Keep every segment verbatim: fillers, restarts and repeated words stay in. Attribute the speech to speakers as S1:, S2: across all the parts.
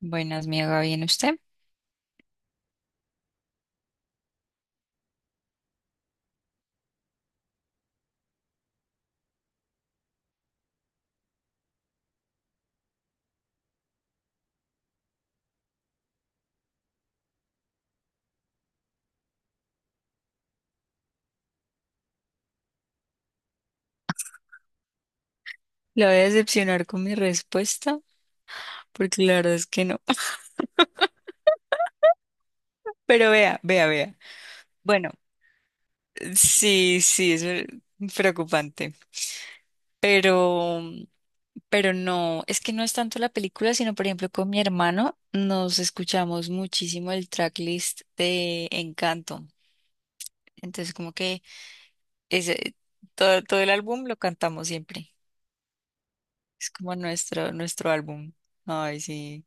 S1: Buenas, mi Eva, ¿bien usted? La voy a decepcionar con mi respuesta, porque la verdad es que no. Pero vea, vea, vea. Bueno, sí, sí, eso es eh, preocupante. Pero, pero no, es que no es tanto la película, sino por ejemplo con mi hermano nos escuchamos muchísimo el tracklist de Encanto. Entonces, como que ese, todo, todo el álbum lo cantamos siempre. Es como nuestro, nuestro álbum. Ay, sí.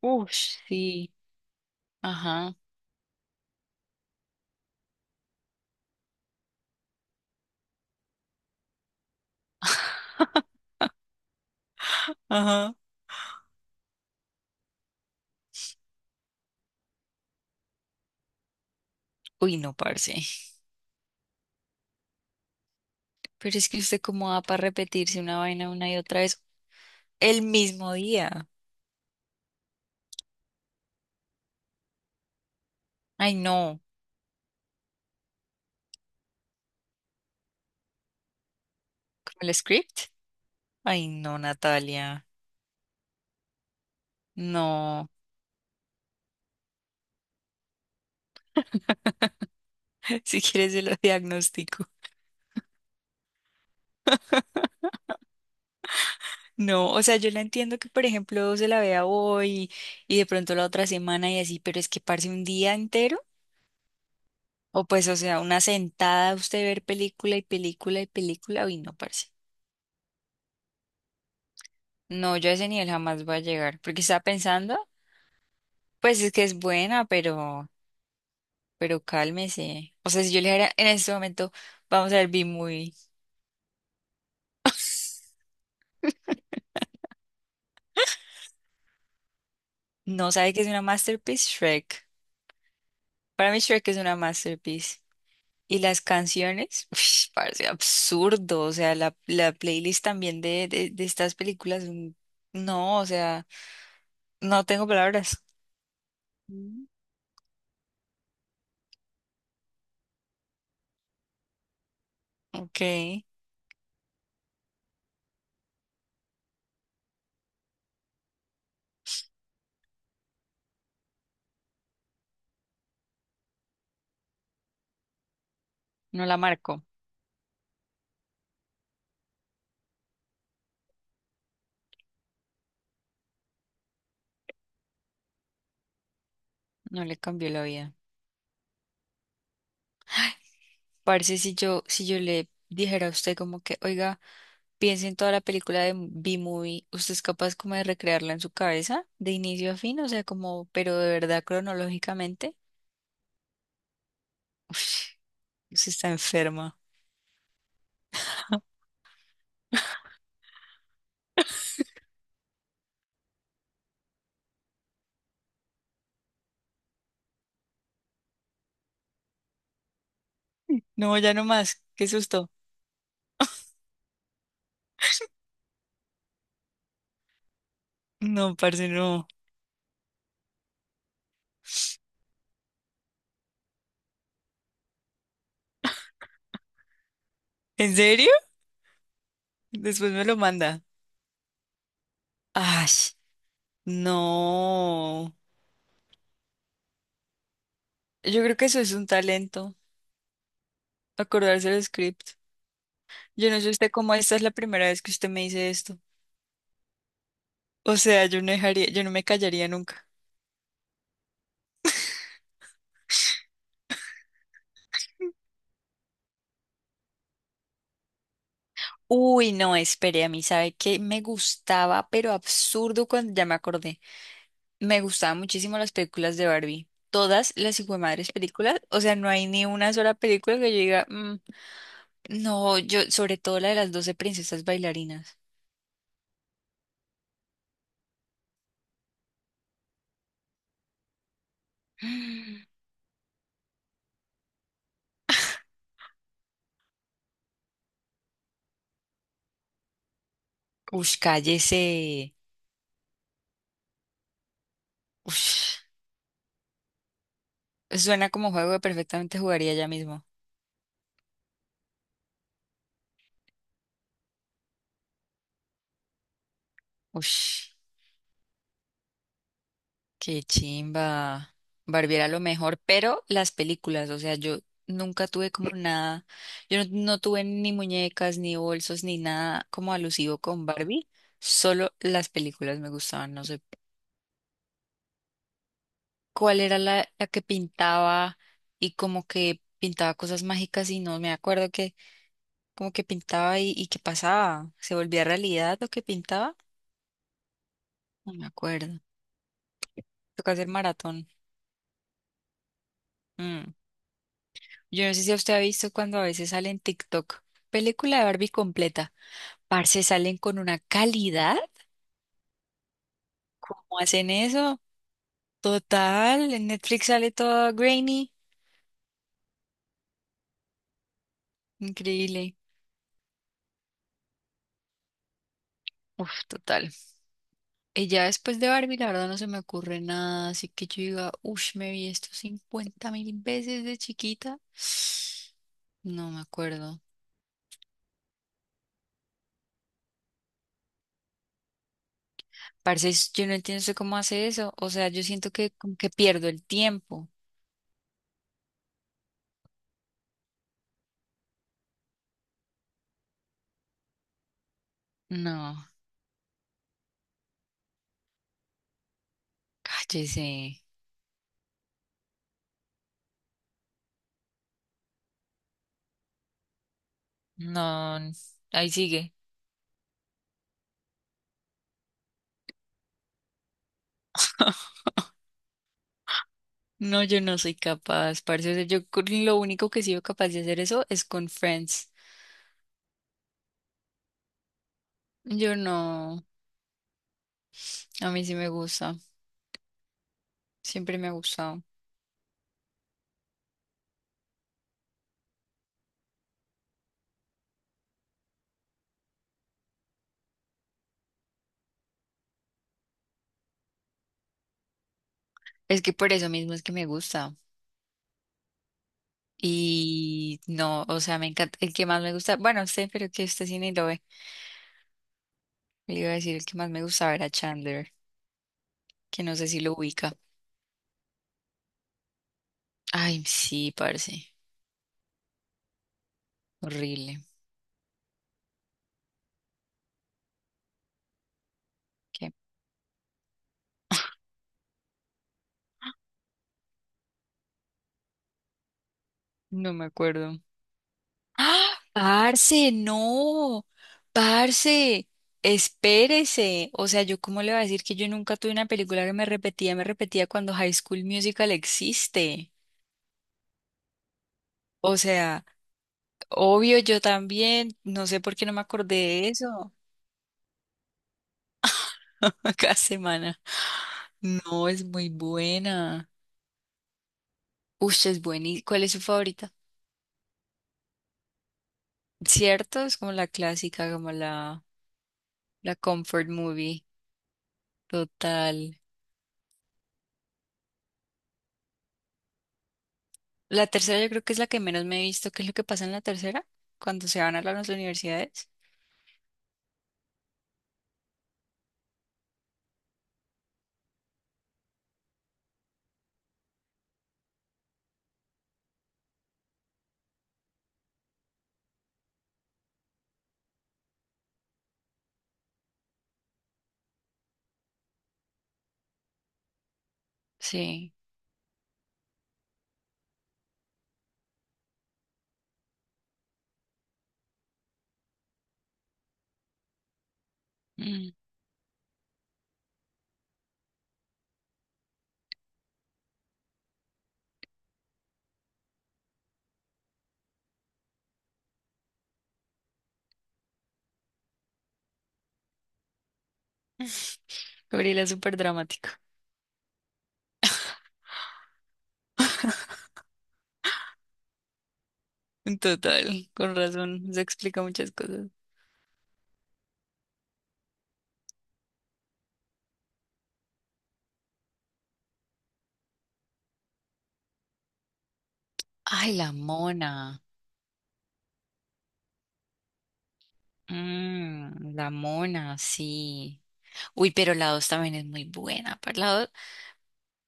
S1: Uf, sí. Ajá. Ajá. Uy, no, parce. Pero es que usted cómo va para repetirse una vaina una y otra vez el mismo día. Ay, no. ¿Como el script? Ay, no, Natalia. No. Si quieres, se lo diagnostico. No, o sea, yo la entiendo que, por ejemplo, se la vea hoy y de pronto la otra semana y así, pero es que parce un día entero. O pues, o sea, una sentada, usted ver película y película y película. Uy, no, parce. No, yo a ese nivel jamás voy a llegar. Porque estaba pensando, pues es que es buena, pero. Pero cálmese. O sea, si yo le dijera en este momento, vamos a ver B-Movie, no sabe que es una masterpiece, Shrek. Para mí Shrek es una masterpiece. Y las canciones, parece absurdo. O sea, la, la playlist también de, de, de estas películas, mm, no, o sea, no tengo palabras. Mm. Ok, no la marco, no le cambió la vida. Parce, si yo, si yo le dijera a usted como que, oiga, piense en toda la película de B-Movie, ¿usted es capaz como de recrearla en su cabeza, de inicio a fin? O sea, como, pero de verdad cronológicamente, usted está enferma. No, ya no más, qué susto. No, parce, no. ¿En serio? Después me lo manda. Ay, no. Yo creo que eso es un talento, acordarse del script. Yo no sé usted cómo esta es la primera vez que usted me dice esto. O sea, yo no dejaría, yo no me callaría nunca. Uy, no, espere, a mí sabe que me gustaba, pero absurdo cuando ya me acordé. Me gustaban muchísimo las películas de Barbie. Todas las hijuemadres películas, o sea, no hay ni una sola película que yo diga, "Mm, no, yo, sobre todo la de las doce princesas bailarinas". Ush, cállese. Ush, suena como juego que perfectamente jugaría ya mismo. Ush. Qué chimba. Barbie era lo mejor, pero las películas, o sea, yo nunca tuve como nada, yo no, no tuve ni muñecas, ni bolsos, ni nada como alusivo con Barbie, solo las películas me gustaban, no sé cuál era la, la que pintaba y como que pintaba cosas mágicas y no me acuerdo que como que pintaba y, y qué pasaba, se volvía realidad lo que pintaba, no me acuerdo, toca hacer maratón. Mm. Yo no sé si usted ha visto cuando a veces sale en TikTok, película de Barbie completa. Parce, salen con una calidad. ¿Cómo hacen eso? Total, en Netflix sale todo grainy. Increíble. Uf, total. Y ya después de Barbie, la verdad no se me ocurre nada. Así que yo diga, uff, me vi esto cincuenta mil veces de chiquita. No me acuerdo. Parce, es- yo no entiendo usted cómo hace eso. O sea, yo siento que como que pierdo el tiempo. No, cállese. No, ahí sigue. No, yo no soy capaz, parce. O sea, yo con- lo único que he sido capaz de hacer eso es con Friends. Yo no, a mí sí me gusta, siempre me ha gustado. Es que por eso mismo es que me gusta. Y no, o sea, me encanta. El que más me gusta, bueno, sé, pero que usted sí ni lo ve. Le iba a decir el que más me gustaba era Chandler, que no sé si lo ubica. Ay, sí, parce, horrible. ¿Qué? No me acuerdo. ¡Ah! Parce, no, parce, espérese. O sea, yo cómo le voy a decir que yo nunca tuve una película que me repetía, me repetía cuando High School Musical existe. O sea, obvio, yo también, no sé por qué no me acordé de eso cada semana. No, es muy buena. Uy, es buena. ¿Y cuál es su favorita? ¿Cierto? Es como la clásica, como la, la comfort movie. Total. La tercera yo creo que es la que menos me he visto. ¿Qué es lo que pasa en la tercera? Cuando se van a las universidades. Sí. Mm. Gabriela es súper dramático. En total, con razón. Se explica muchas cosas. Ay, la mona. Mm, la mona, sí. Uy, pero la dos también es muy buena. Para la dos,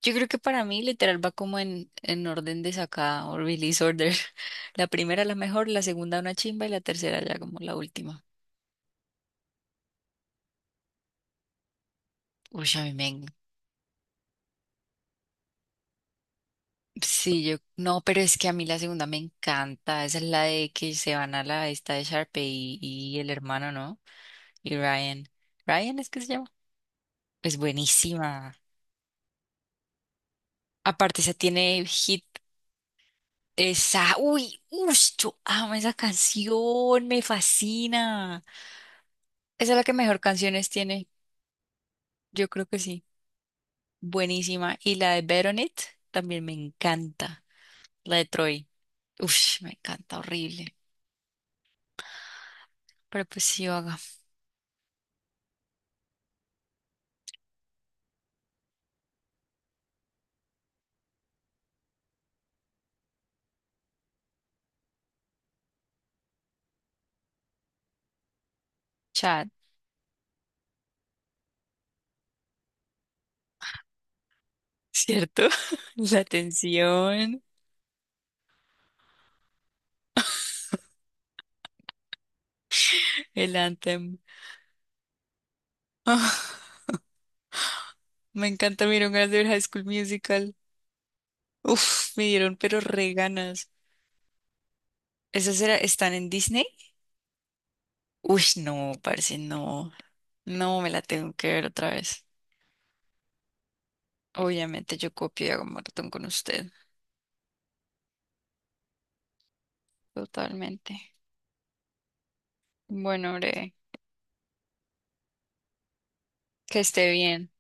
S1: yo creo que para mí literal va como en, en orden de sacada o release order. La primera la mejor, la segunda una chimba y la tercera ya como la última. Uy, a mí me sí, yo no, pero es que a mí la segunda me encanta. Esa es la de que se van a la esta de Sharpay y, y el hermano, ¿no? Y Ryan. Ryan es que se llama. Es buenísima. Aparte, esa tiene hit. Esa. Uy, ush, yo amo esa canción. Me fascina. Esa es la que mejor canciones tiene. Yo creo que sí. Buenísima. Y la de Bet on It también me encanta. La de Troy. Ush, me encanta. Horrible. Pero pues sí, vaga. Chat. ¿Cierto? La tensión, el anthem. Ah, me encanta, me dieron ganas de ver High School Musical. Uf, me dieron pero re ganas. ¿Esas era, están en Disney? Uy, no, parece no. No, me la tengo que ver otra vez. Obviamente yo copio y hago maratón con usted. Totalmente. Bueno, hombre, que esté bien.